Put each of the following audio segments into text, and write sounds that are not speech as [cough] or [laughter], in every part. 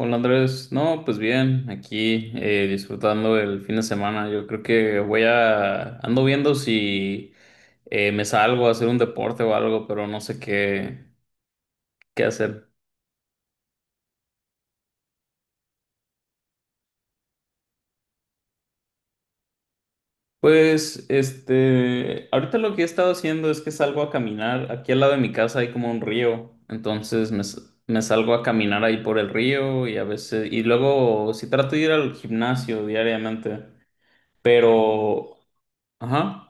Hola Andrés, no, pues bien, aquí disfrutando el fin de semana. Yo creo que voy a, ando viendo si me salgo a hacer un deporte o algo, pero no sé qué, qué hacer. Pues, este, ahorita lo que he estado haciendo es que salgo a caminar. Aquí al lado de mi casa hay como un río, entonces me salgo a caminar ahí por el río y a veces, y luego sí trato de ir al gimnasio diariamente, pero, ajá.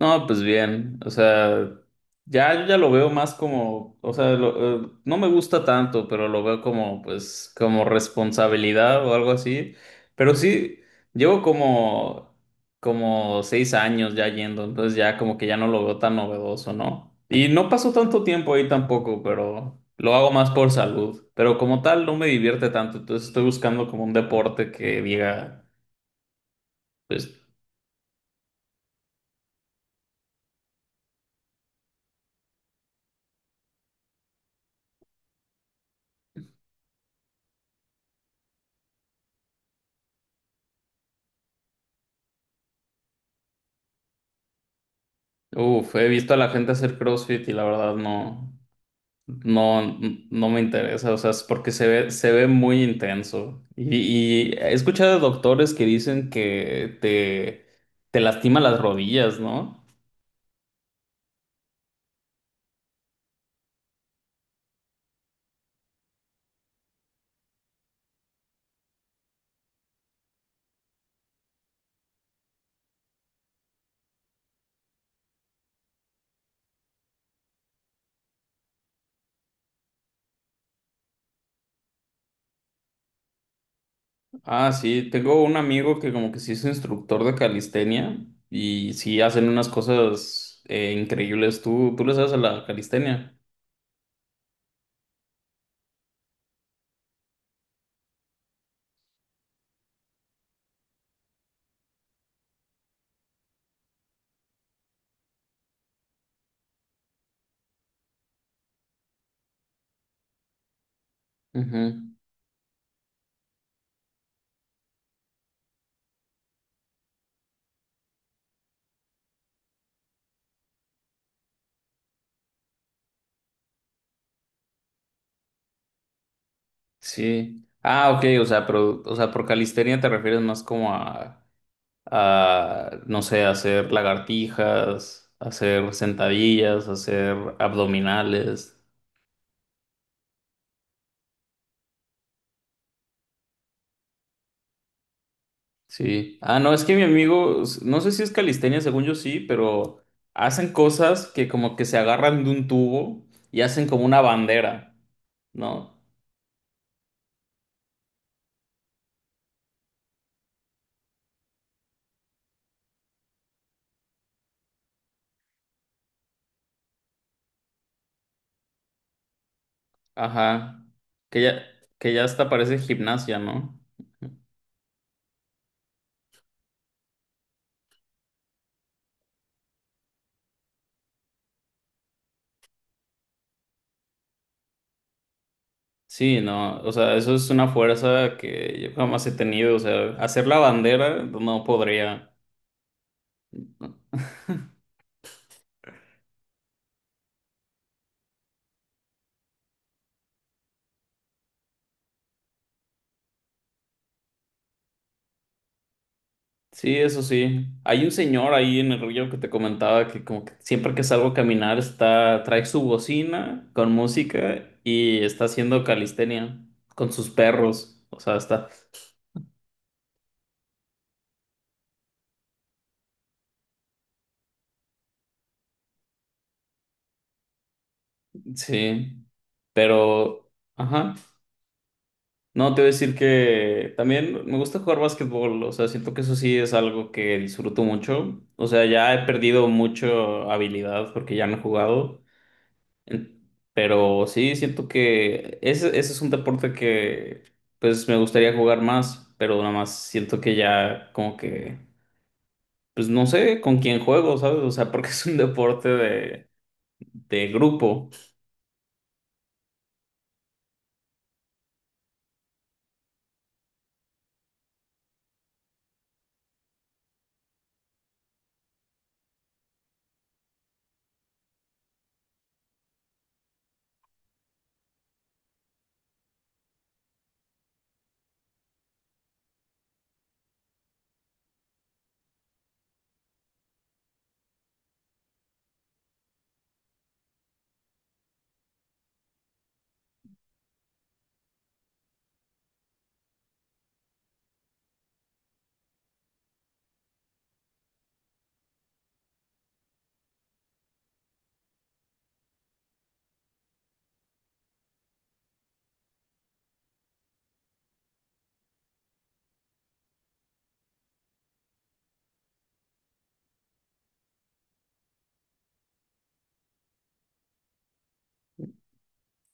No, pues bien, o sea, ya yo lo veo más como, o sea, no me gusta tanto, pero lo veo como, pues, como responsabilidad o algo así. Pero sí, llevo como, como 6 años ya yendo, entonces ya como que ya no lo veo tan novedoso, ¿no? Y no paso tanto tiempo ahí tampoco, pero lo hago más por salud. Pero como tal, no me divierte tanto, entonces estoy buscando como un deporte que diga, pues, uff, he visto a la gente hacer CrossFit y la verdad no. No, no me interesa, o sea, es porque se ve muy intenso. Y he escuchado de doctores que dicen que te lastima las rodillas, ¿no? Ah, sí, tengo un amigo que como que sí es instructor de calistenia y sí hacen unas cosas increíbles. ¿Tú le sabes a la calistenia? Ujú. Sí. Ah, ok, o sea, pero, o sea, por calistenia te refieres más como a, no sé, hacer lagartijas, hacer sentadillas, hacer abdominales. Sí. Ah, no, es que mi amigo, no sé si es calistenia, según yo sí, pero hacen cosas que como que se agarran de un tubo y hacen como una bandera, ¿no? Ajá. Que ya, que ya hasta parece gimnasia, ¿no? Sí, no, o sea, eso es una fuerza que yo jamás he tenido, o sea, hacer la bandera no podría. Sí, eso sí. Hay un señor ahí en el río que te comentaba que como que siempre que salgo a caminar está, trae su bocina con música y está haciendo calistenia con sus perros. O sea, está. Sí. Pero, ajá. No, te voy a decir que también me gusta jugar básquetbol. O sea, siento que eso sí es algo que disfruto mucho. O sea, ya he perdido mucho habilidad porque ya no he jugado. En- Pero sí, siento que ese es un deporte que pues me gustaría jugar más, pero nada más siento que ya como que, pues no sé con quién juego, ¿sabes? O sea, porque [laughs] es un deporte de grupo.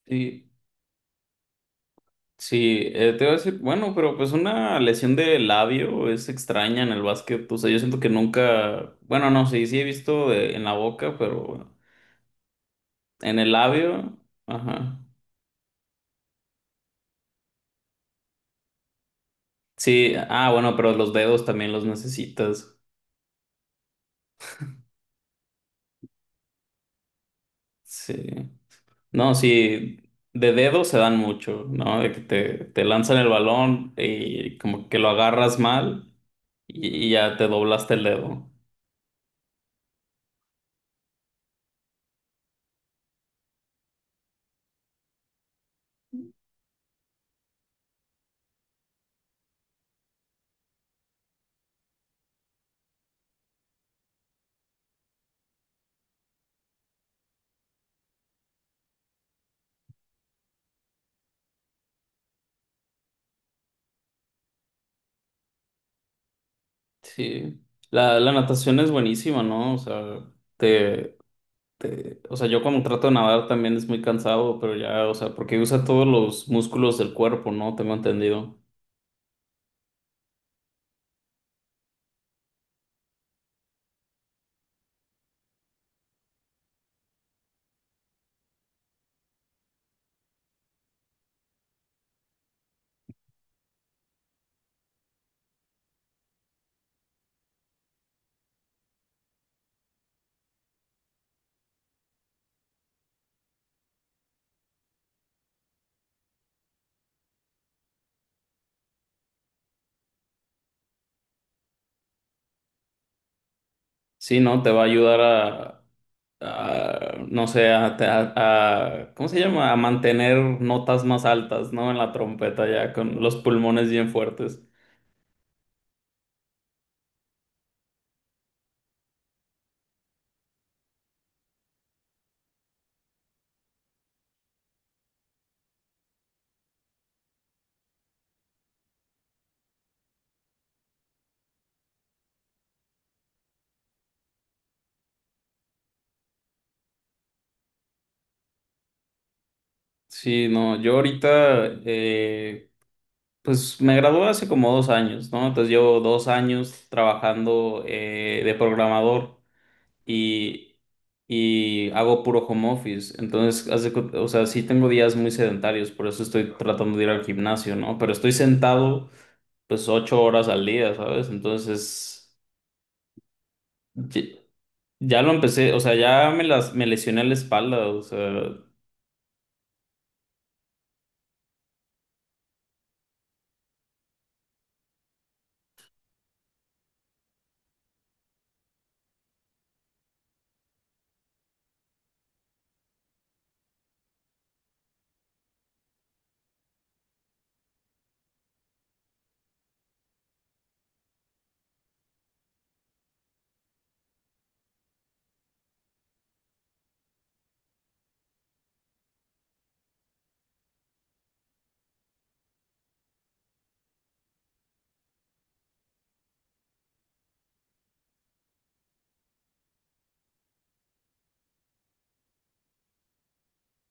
Y sí, te iba a decir, bueno, pero pues una lesión de labio es extraña en el básquet. O sea, yo siento que nunca, bueno, no, sí, sí he visto en la boca, pero en el labio, ajá. Sí, ah, bueno, pero los dedos también los necesitas. Sí. No, sí, de dedo se dan mucho, ¿no? De que te lanzan el balón y como que lo agarras mal y ya te doblaste el dedo. Sí. La natación es buenísima, ¿no? O sea, te, o sea, yo cuando trato de nadar también es muy cansado, pero ya, o sea, porque usa todos los músculos del cuerpo, ¿no? Tengo entendido. Sí, ¿no? Te va a ayudar a, no sé, ¿cómo se llama? A mantener notas más altas, ¿no? En la trompeta ya, con los pulmones bien fuertes. Sí, no, yo ahorita, pues me gradué hace como 2 años, ¿no? Entonces llevo 2 años trabajando de programador y, y hago puro home office. Entonces, haz de o sea, sí tengo días muy sedentarios, por eso estoy tratando de ir al gimnasio, ¿no? Pero estoy sentado pues 8 horas al día, ¿sabes? Entonces, ye- ya, lo empecé, o sea, me lesioné la espalda, o sea,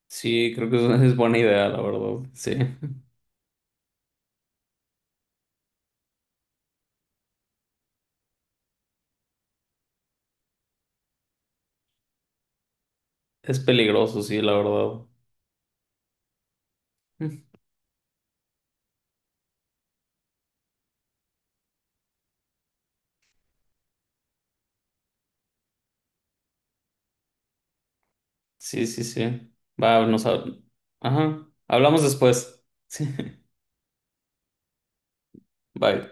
sí, creo que es, [laughs] es buena idea, la verdad, sí. Es peligroso, sí, la verdad. Mm. Sí, sí, sí. Va, ajá. Hablamos después. [laughs] Sí. Bye.